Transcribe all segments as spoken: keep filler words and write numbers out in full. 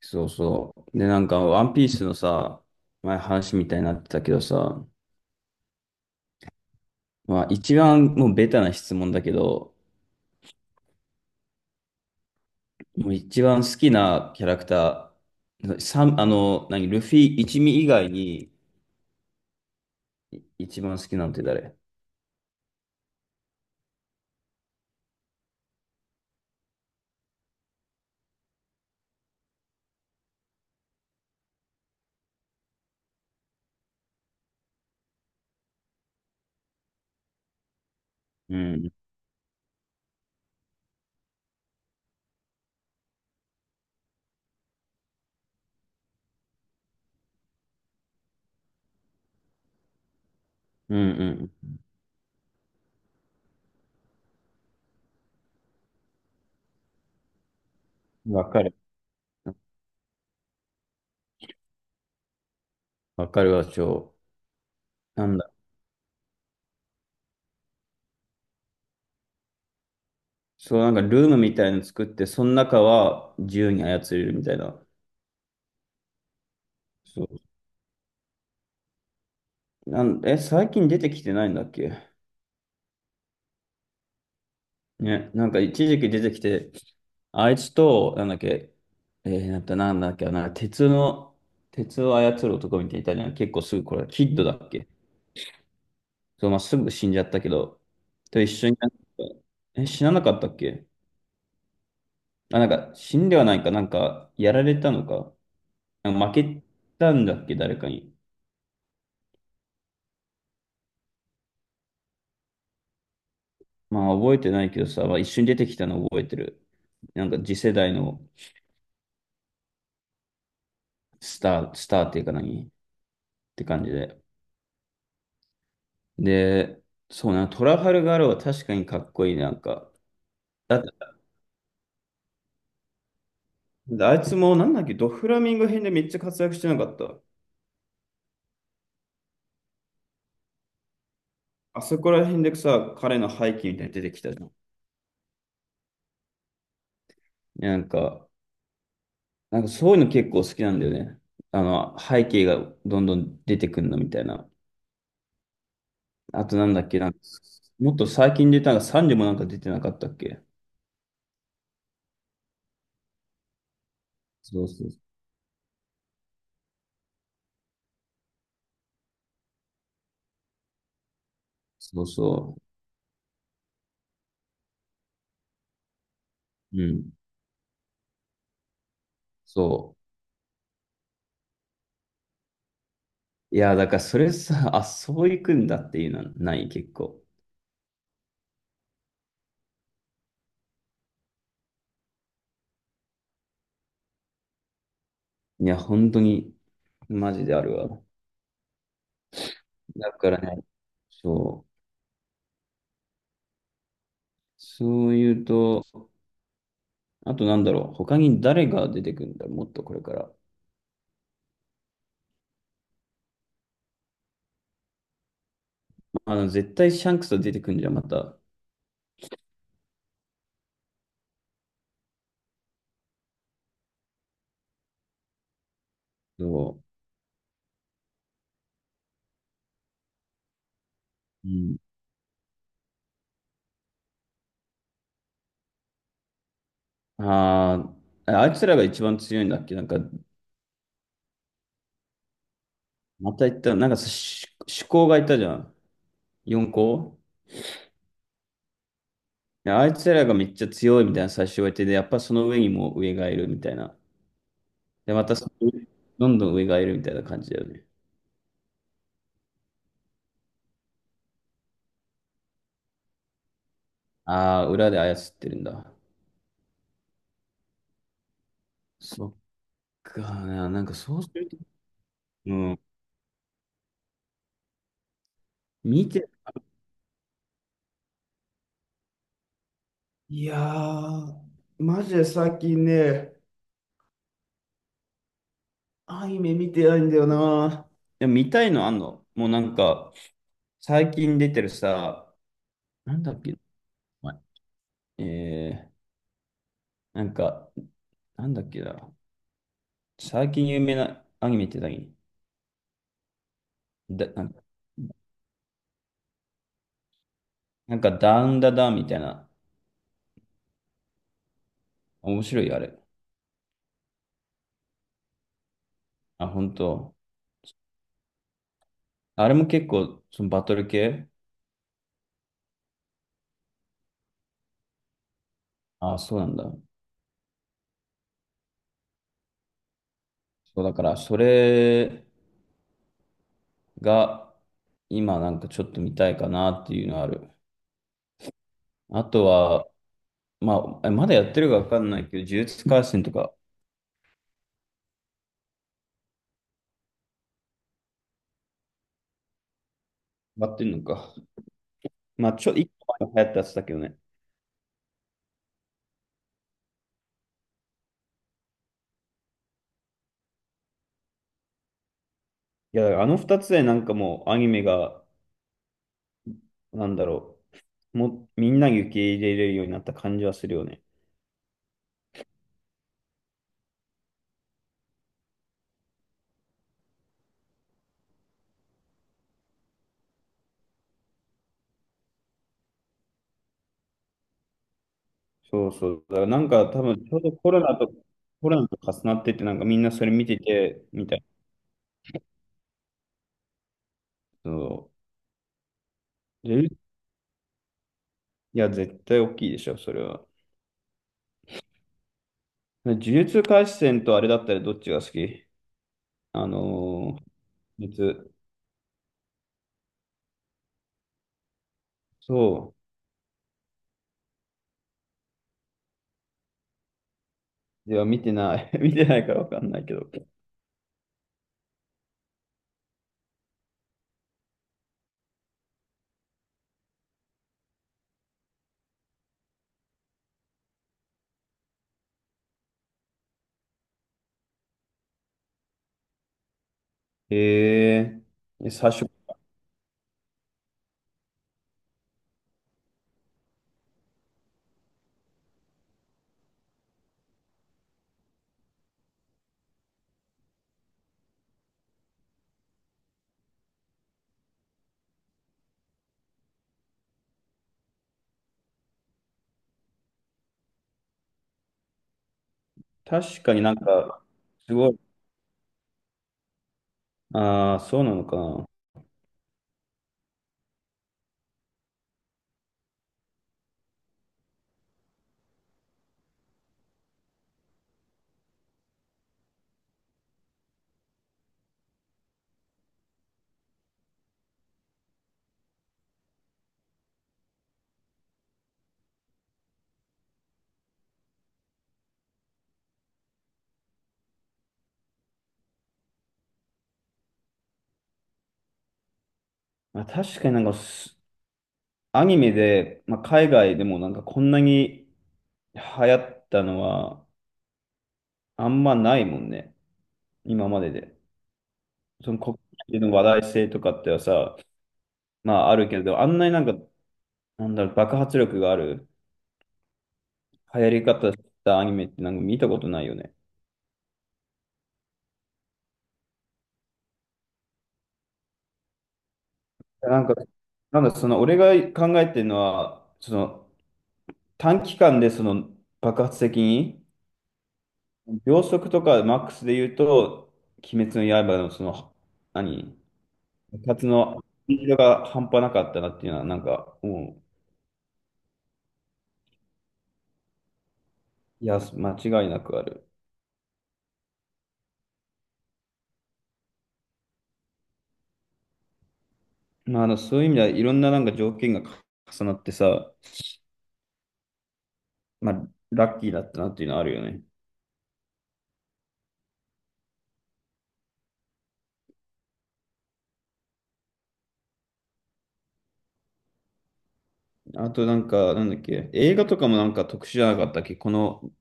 そうそう。で、なんか、ワンピースのさ、前話みたいになってたけどさ、まあ、一番もうベタな質問だけど、もう一番好きなキャラクター、サンあの、何、ルフィ一味以外に、い一番好きなんて誰？うん、うん、うん。わかる。わかるわ、超。なんだ。そう、なんかルームみたいの作って、その中は自由に操れるみたいな。そう。なん、え、最近出てきてないんだっけ？ね、なんか一時期出てきて、あいつと、なんだっけ、えー、なんだなんだっけ、なんか鉄の、鉄を操る男みたいなの、結構すぐ、これ、キッドだっけ？そう、まあ、すぐ死んじゃったけど、と一緒になんか、え、死ななかったっけ？あ、なんか、死んではないか、なんか、やられたのか、なんか負けたんだっけ、誰かに。まあ、覚えてないけどさ、まあ、一緒に出てきたの覚えてる。なんか、次世代のスター、スターっていうか何って感じで。で、そうな、トラファルガールは確かにかっこいい、なんか。だって、あいつもなんだっけ、ドフラミンゴ編でめっちゃ活躍してなかった？あそこら辺でさ、彼の背景みたいに出てきたじゃん。なんか、なんかそういうの結構好きなんだよね。あの、背景がどんどん出てくんのみたいな。あとなんだっけ、なんか、もっと最近出たのがサンジもなんか出てなかったっけ？そうそう。そうそう。うん。そう。いや、だからそれさ、あ、そういくんだっていうのはない、結構。いや、本当に。マジであるわ。だからね、そう。そういうと、あとなんだろう、他に誰が出てくるんだろう、もっとこれから。あの、絶対シャンクスは出てくるんじゃん、また。そう。うん。あーあ、あいつらが一番強いんだっけ、なんか。また言った、なんかさ、し主攻がいたじゃん。四校。いやあいつらがめっちゃ強いみたいな最初言われて、で、やっぱその上にも上がいるみたいな。で、またそのどんどん上がいるみたいな感じだよね。ああ、裏で操ってるんだ。そっかな、なんかそうすると、うん、見て、いやー、マジで最近ね、アニメ見てないんだよな。いや見たいのあんのもうなんか、最近出てるさ、なんだっけ、前えー、なんか、なんだっけな、最近有名なアニメって何？だ、なんか、なんかダウンダダンみたいな。面白いよあれ。あ、本当？あれも結構、そのバトル系？あ、そうなんだ。そうだから、それが、今なんかちょっと見たいかなっていうのある。あとは、まあ、えまだやってるかわかんないけど、呪術廻戦とか、やってんのか。まあ、ちょ、一個前に流行ったやつだけどね。いや、あの二つでなんかもうアニメが、なんだろう、もうみんなに受け入れれるようになった感じはするよね。そうそう。だからなんか多分ちょうどコロナと、コロナと重なってて、なんかみんなそれ見てて、みたいな。そう。でいや、絶対大きいでしょ、それは。呪術廻戦とあれだったらどっちが好き？あのー、呪術。そう。いや、見てない。見てないからわかんないけど。へえ。え最初、確かになんか、すごい。ああ、そうなのかな。まあ、確かになんかすごいああそうなのかまあ確かになんかす、アニメで、まあ、海外でもなんかこんなに流行ったのはあんまないもんね。今までで。その国内での話題性とかってはさ、まああるけど、あんなになんか、なんだろう、爆発力がある流行り方したアニメってなんか見たことないよね。なんか、なんだ、その俺が考えてるのは、その短期間でその爆発的に、秒速とかマックスで言うと、鬼滅の刃のその、何、爆発のスピードが半端なかったなっていうのは、なんか、もう、いや、間違いなくある。まあ、あの、そういう意味ではいろんななんか条件が重なってさ、まあ、ラッキーだったなっていうのはあるよね。あとなんか、なんだっけ、映画とかもなんか特殊じゃなかったっけ、この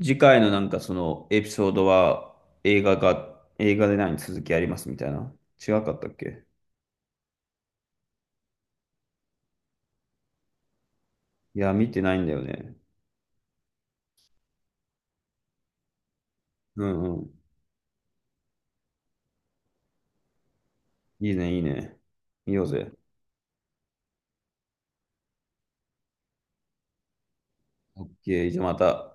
次回のなんかそのエピソードは映画が、映画で何続きありますみたいな。違かったっけ？いや、見てないんだよね。うんうん。いいね、いいね。見ようぜ。オッケー、じゃあまた。